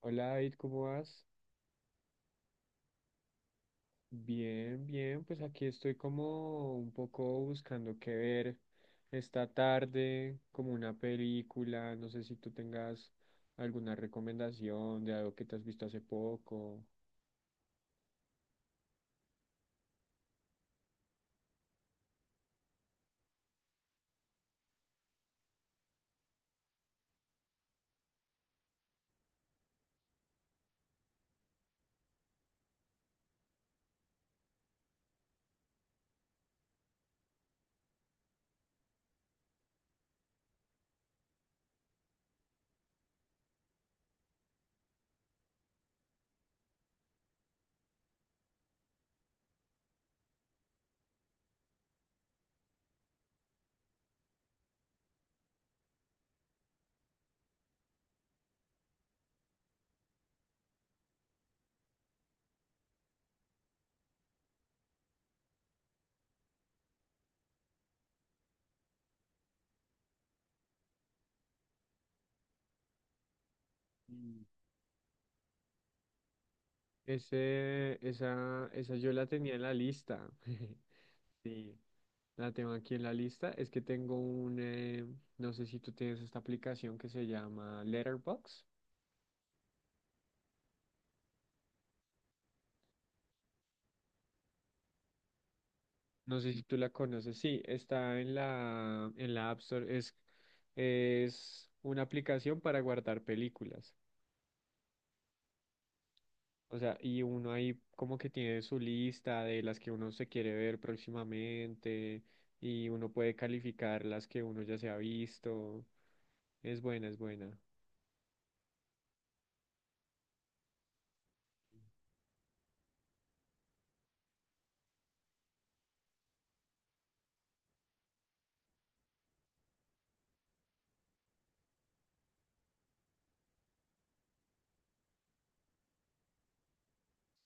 Hola David, ¿cómo vas? Bien, bien, pues aquí estoy como un poco buscando qué ver esta tarde, como una película, no sé si tú tengas alguna recomendación de algo que te has visto hace poco. Mm. Esa yo la tenía en la lista. Sí, la tengo aquí en la lista. Es que tengo un, no sé si tú tienes esta aplicación que se llama Letterboxd. No sé si tú la conoces. Sí, está en la App Store. Es una aplicación para guardar películas. O sea, y uno ahí como que tiene su lista de las que uno se quiere ver próximamente y uno puede calificar las que uno ya se ha visto. Es buena, es buena.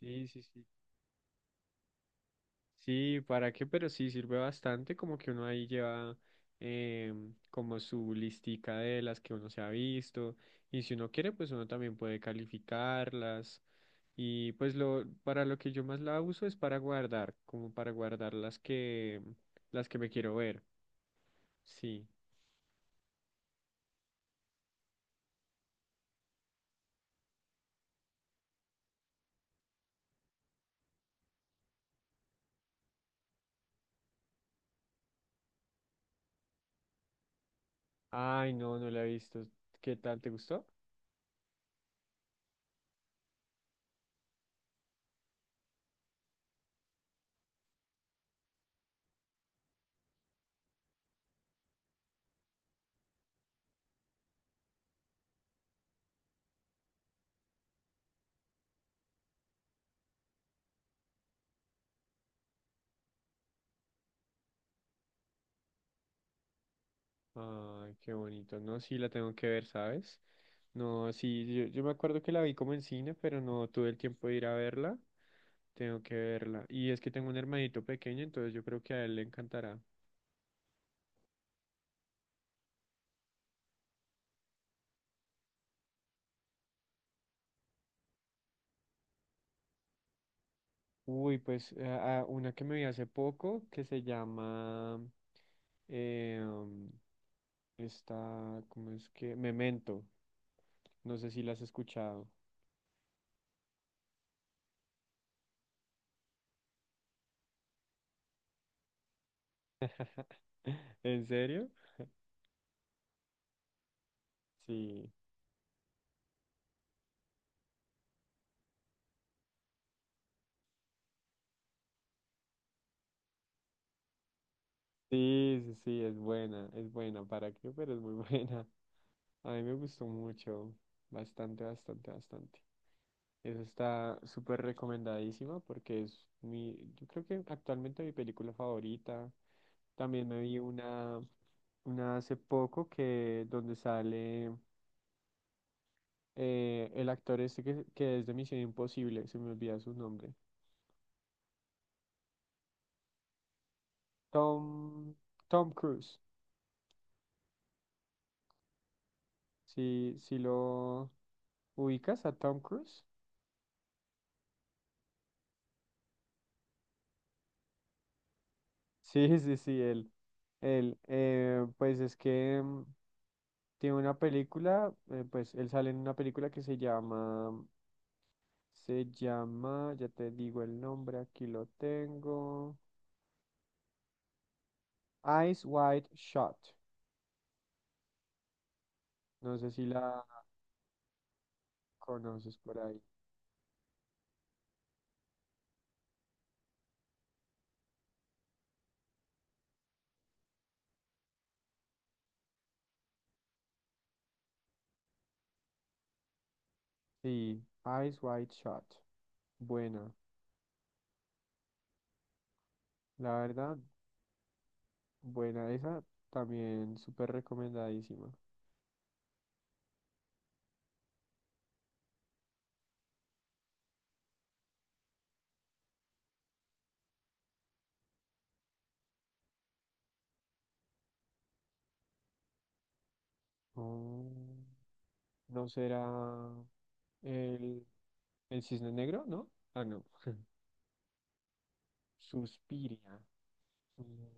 Sí, sí, sí. Sí, ¿para qué? Pero sí sirve bastante, como que uno ahí lleva como su listica de las que uno se ha visto y si uno quiere, pues uno también puede calificarlas y pues lo para lo que yo más la uso es para guardar, como para guardar las que me quiero ver. Sí. Ay, no, no la he visto. ¿Qué tal? ¿Te gustó? Ay, qué bonito. No, sí, la tengo que ver, ¿sabes? No, sí, yo me acuerdo que la vi como en cine, pero no tuve el tiempo de ir a verla. Tengo que verla. Y es que tengo un hermanito pequeño, entonces yo creo que a él le encantará. Uy, pues a una que me vi hace poco que se llama eh, um, esta, ¿cómo es que? Memento. No sé si la has escuchado. ¿En serio? Sí. Sí, sí, sí, es buena, es buena. ¿Para qué? Pero es muy buena. A mí me gustó mucho, bastante, bastante, bastante. Eso está súper recomendadísima porque es mi, yo creo que actualmente mi película favorita. También me vi una hace poco que donde sale el actor este que es de Misión Imposible, se me olvida su nombre. Tom, Tom Cruise. Si lo ubicas a Tom Cruise. Sí, sí, sí, él. Él, pues es que tiene una película, pues él sale en una película que se llama, ya te digo el nombre, aquí lo tengo. Eyes Wide Shot. No sé si la conoces por ahí. Sí, Eyes Wide Shot. Buena, la verdad, buena esa, también súper recomendadísima. Oh, ¿no será el, el Cisne Negro? ¿No? Ah, no. Suspiria. Mm,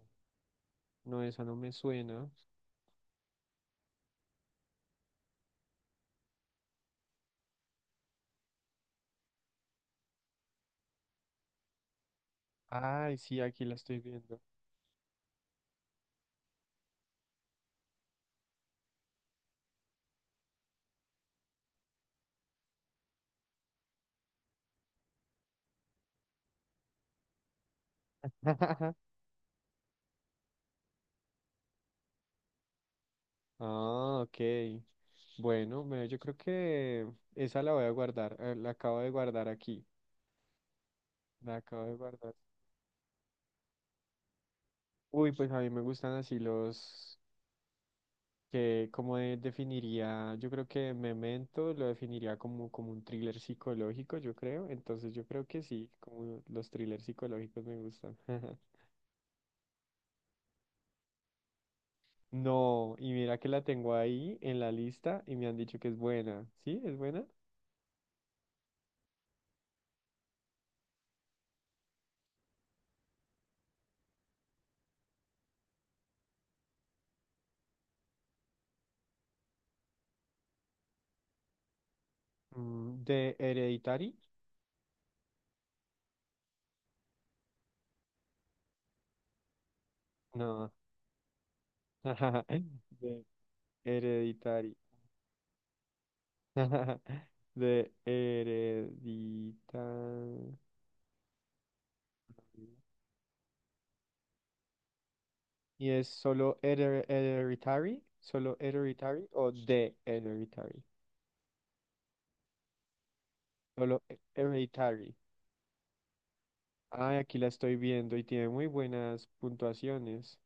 no, esa no me suena. Ay, sí, aquí la estoy viendo. Ah, ok. Bueno, yo creo que esa la voy a guardar. La acabo de guardar aquí. La acabo de guardar. Uy, pues a mí me gustan así los definiría, yo creo que Memento lo definiría como, como un thriller psicológico, yo creo. Entonces yo creo que sí, como los thrillers psicológicos me gustan. No, y mira que la tengo ahí en la lista y me han dicho que es buena. ¿Sí? ¿Es buena? Mm, ¿de Hereditary? No. De Hereditary. De Hereditary. ¿Y es solo Hereditary? ¿Solo Hereditary o de Hereditary? Solo Hereditary. Ay, aquí la estoy viendo y tiene muy buenas puntuaciones.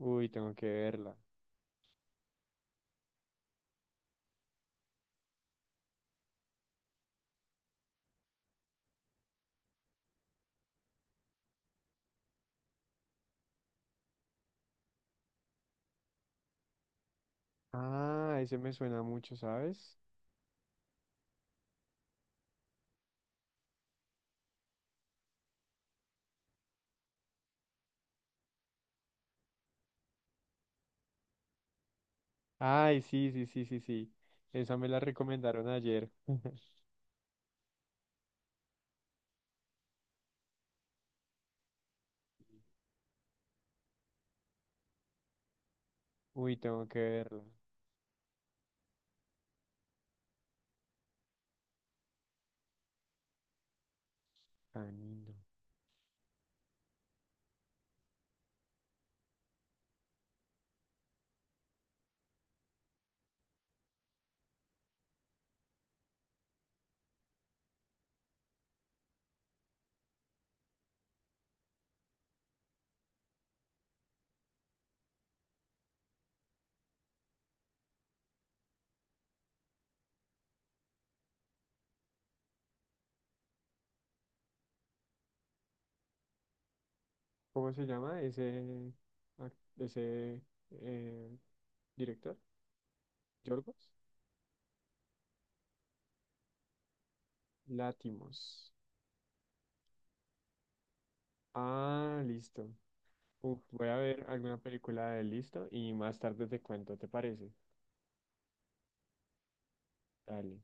Uy, tengo que verla. Ah, ese me suena mucho, ¿sabes? Ay, sí, sí, sí, sí, sí. Esa me la recomendaron ayer. Uy, tengo que verla. Canino. ¿Cómo se llama ese, ac- ese eh, director? ¿Yorgos? Látimos. Ah, listo. Uf, voy a ver alguna película de él, listo y más tarde te cuento, ¿te parece? Dale.